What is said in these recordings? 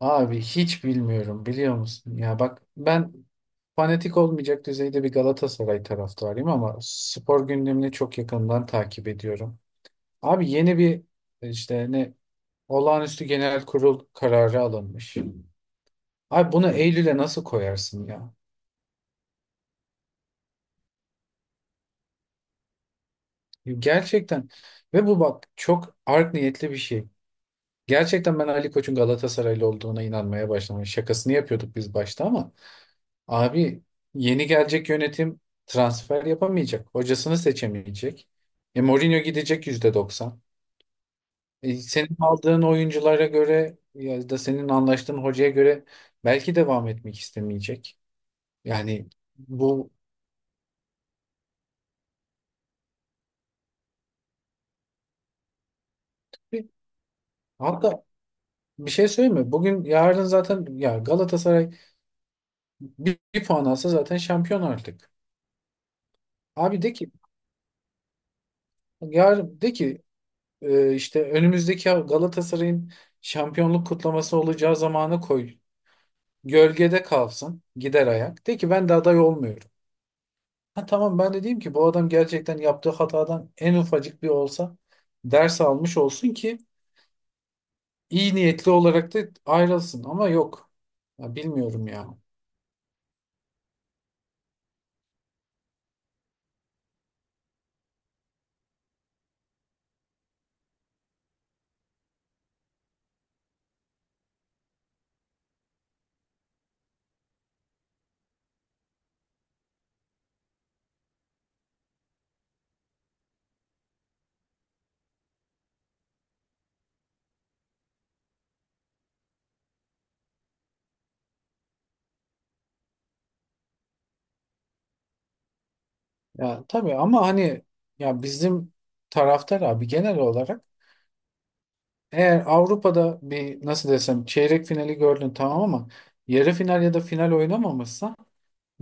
Abi hiç bilmiyorum biliyor musun? Ya bak ben fanatik olmayacak düzeyde bir Galatasaray taraftarıyım ama spor gündemini çok yakından takip ediyorum. Abi yeni bir işte ne olağanüstü genel kurul kararı alınmış. Abi bunu Eylül'e nasıl koyarsın ya? Gerçekten ve bu bak çok art niyetli bir şey. Gerçekten ben Ali Koç'un Galatasaraylı olduğuna inanmaya başladım. Hani şakasını yapıyorduk biz başta ama abi yeni gelecek yönetim transfer yapamayacak. Hocasını seçemeyecek. Mourinho gidecek %90. Senin aldığın oyunculara göre ya da senin anlaştığın hocaya göre belki devam etmek istemeyecek. Yani bu hatta bir şey söyleyeyim mi? Bugün yarın zaten ya Galatasaray bir puan alsa zaten şampiyon artık. Abi de ki, yarın de ki, işte önümüzdeki Galatasaray'ın şampiyonluk kutlaması olacağı zamanı koy. Gölgede kalsın. Gider ayak. De ki ben de aday olmuyorum. Ha tamam, ben de diyeyim ki bu adam gerçekten yaptığı hatadan en ufacık bir olsa ders almış olsun ki iyi niyetli olarak da ayrılsın. Ama yok. Ya bilmiyorum ya. Ya tabii, ama hani ya bizim taraftar abi genel olarak eğer Avrupa'da bir, nasıl desem, çeyrek finali gördün tamam ama yarı final ya da final oynamamışsa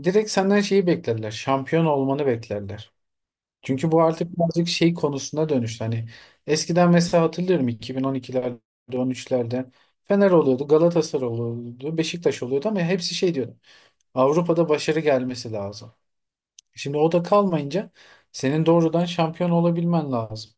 direkt senden şeyi beklerler. Şampiyon olmanı beklerler. Çünkü bu artık birazcık şey konusuna dönüştü. Hani eskiden mesela hatırlıyorum 2012'lerde, 13'lerde Fener oluyordu, Galatasaray oluyordu, Beşiktaş oluyordu ama hepsi şey diyordu. Avrupa'da başarı gelmesi lazım. Şimdi o da kalmayınca senin doğrudan şampiyon olabilmen lazım.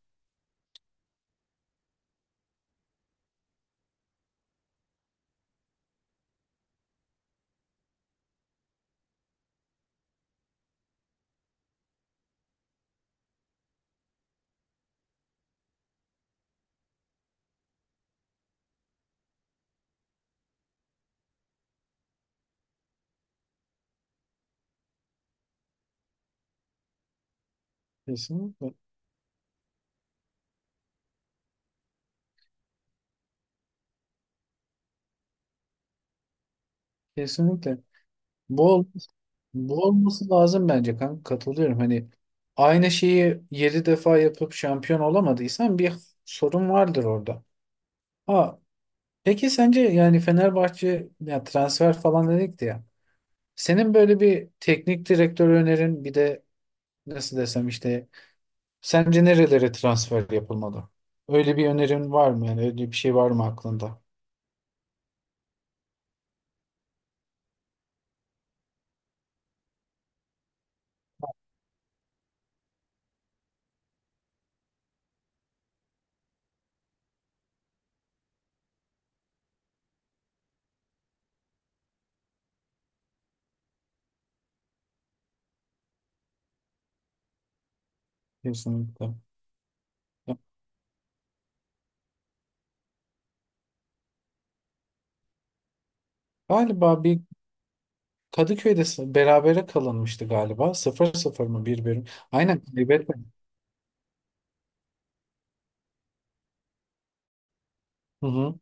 Kesinlikle. Kesinlikle. Bu ol- Bu olması lazım bence kanka. Katılıyorum. Hani aynı şeyi 7 defa yapıp şampiyon olamadıysan bir sorun vardır orada. Ha, peki sence yani Fenerbahçe ya, transfer falan dedik de ya. Senin böyle bir teknik direktör önerin, bir de nasıl desem işte sence nerelere transfer yapılmalı? Öyle bir önerin var mı, yani öyle bir şey var mı aklında? Kesinlikle. Ya, galiba bir Kadıköy'de berabere kalınmıştı galiba. Sıfır sıfır mı, 1-1 mi? Aynen kaybetme. Hı hı.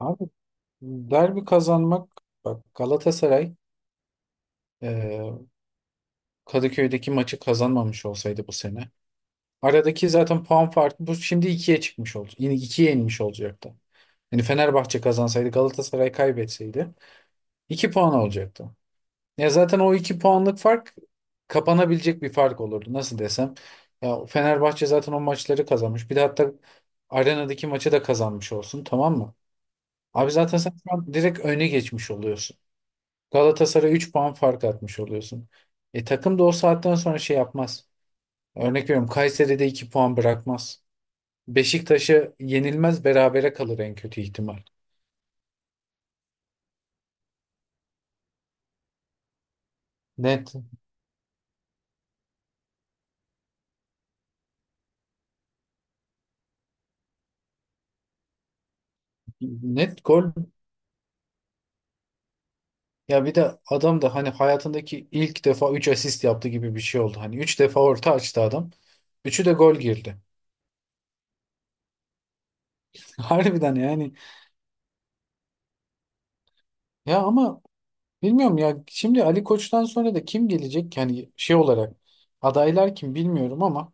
Abi derbi kazanmak, bak, Galatasaray e, Kadıköy'deki maçı kazanmamış olsaydı bu sene, aradaki zaten puan farkı bu şimdi ikiye çıkmış oldu. Yani ikiye inmiş olacaktı. Yani Fenerbahçe kazansaydı Galatasaray kaybetseydi iki puan olacaktı. Ya zaten o iki puanlık fark kapanabilecek bir fark olurdu. Nasıl desem? Ya Fenerbahçe zaten o maçları kazanmış. Bir de hatta arenadaki maçı da kazanmış olsun, tamam mı? Abi zaten sen şu an direkt öne geçmiş oluyorsun. Galatasaray 3 puan fark atmış oluyorsun. E takım da o saatten sonra şey yapmaz. Örnek veriyorum, Kayseri'de 2 puan bırakmaz. Beşiktaş'ı yenilmez, berabere kalır en kötü ihtimal. Net. Net gol. Ya bir de adam da hani hayatındaki ilk defa 3 asist yaptı gibi bir şey oldu. Hani 3 defa orta açtı adam. Üçü de gol girdi. Harbiden yani. Ya ama bilmiyorum ya. Şimdi Ali Koç'tan sonra da kim gelecek? Yani şey olarak adaylar kim bilmiyorum ama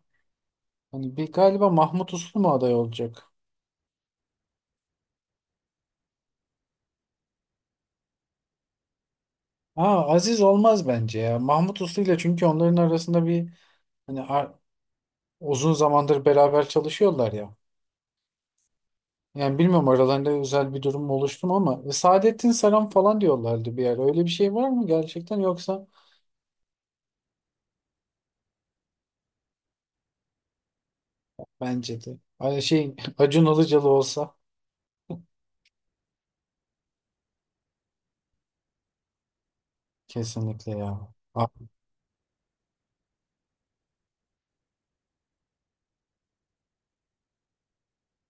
hani bir galiba Mahmut Uslu mu aday olacak? Aa, Aziz olmaz bence ya. Mahmut Uslu ile çünkü onların arasında bir, hani uzun zamandır beraber çalışıyorlar ya. Yani bilmiyorum aralarında özel bir durum mu oluştu mu ama Saadettin Saran falan diyorlardı bir ara. Öyle bir şey var mı gerçekten yoksa bence de. Ay, şey Acun Ilıcalı olsa, kesinlikle ya.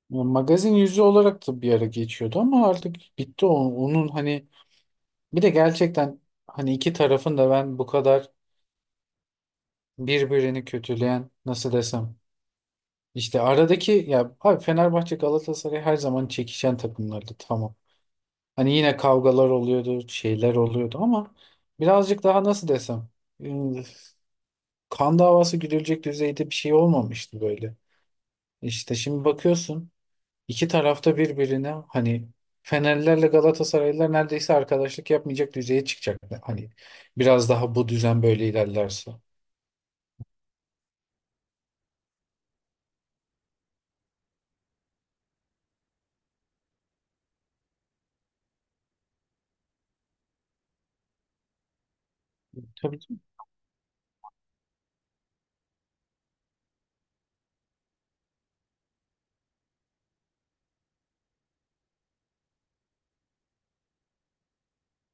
Magazin yüzü olarak da bir ara geçiyordu ama artık bitti o. Onun hani bir de gerçekten hani iki tarafın da ben bu kadar birbirini kötüleyen, nasıl desem, işte aradaki, ya abi Fenerbahçe Galatasaray her zaman çekişen takımlardı tamam. Hani yine kavgalar oluyordu, şeyler oluyordu ama birazcık daha nasıl desem ıı, kan davası güdülecek düzeyde bir şey olmamıştı böyle. İşte şimdi bakıyorsun iki tarafta birbirine, hani Fenerlilerle Galatasaraylılar neredeyse arkadaşlık yapmayacak düzeye çıkacak. Hani biraz daha bu düzen böyle ilerlerse. Tabii ki.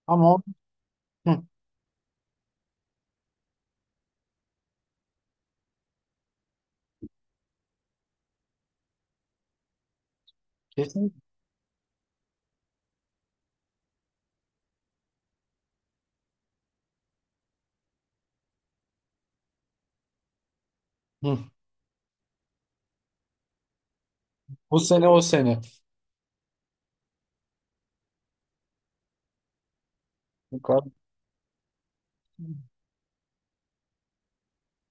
Ama o- hı, kesin. Hı, bu sene o sene.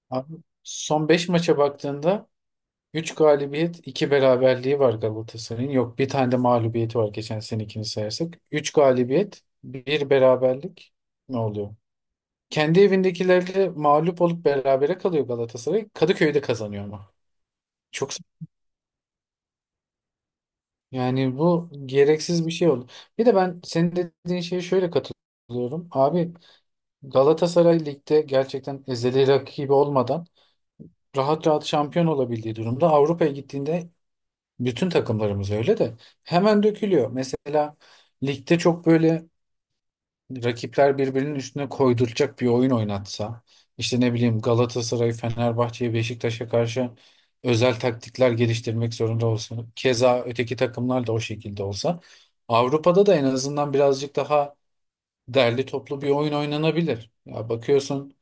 Abi, son 5 maça baktığında üç galibiyet, 2 beraberliği var Galatasaray'ın. Yok, bir tane de mağlubiyeti var geçen senekini sayarsak. 3 galibiyet, bir beraberlik, ne oluyor? Kendi evindekilerle mağlup olup berabere kalıyor Galatasaray. Kadıköy'de kazanıyor ama. Çok s- Yani bu gereksiz bir şey oldu. Bir de ben senin dediğin şeye şöyle katılıyorum. Abi Galatasaray ligde gerçekten ezeli rakibi olmadan rahat rahat şampiyon olabildiği durumda Avrupa'ya gittiğinde, bütün takımlarımız öyle de, hemen dökülüyor. Mesela ligde çok böyle rakipler birbirinin üstüne koyduracak bir oyun oynatsa, işte ne bileyim, Galatasaray, Fenerbahçe'ye, Beşiktaş'a karşı özel taktikler geliştirmek zorunda olsun. Keza öteki takımlar da o şekilde olsa Avrupa'da da en azından birazcık daha derli toplu bir oyun oynanabilir. Ya bakıyorsun,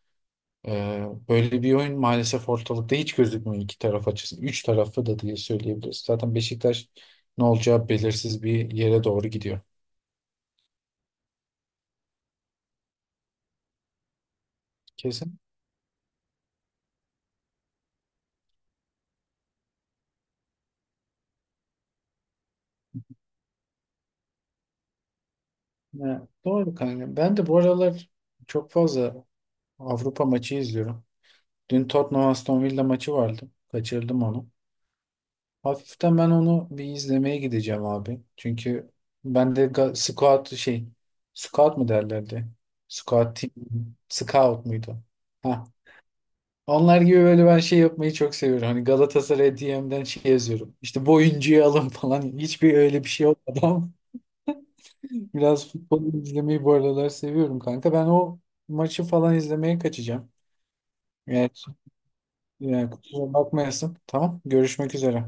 böyle bir oyun maalesef ortalıkta hiç gözükmüyor iki taraf açısından. Üç tarafı da diye söyleyebiliriz. Zaten Beşiktaş ne olacağı belirsiz bir yere doğru gidiyor. Kesin. Ya, doğru kanka. Ben de bu aralar çok fazla Avrupa maçı izliyorum. Dün Tottenham Aston Villa maçı vardı. Kaçırdım onu. Hafiften ben onu bir izlemeye gideceğim abi. Çünkü ben de scout, şey, scout mu derlerdi? Scout team, scout muydu? Heh, onlar gibi böyle ben şey yapmayı çok seviyorum. Hani Galatasaray DM'den şey yazıyorum. İşte bu oyuncuyu alın falan. Hiçbir öyle bir şey olmadı ama biraz futbol izlemeyi bu aralar seviyorum kanka. Ben o maçı falan izlemeye kaçacağım. Yani, yani kusura bakmayasın. Tamam. Görüşmek üzere.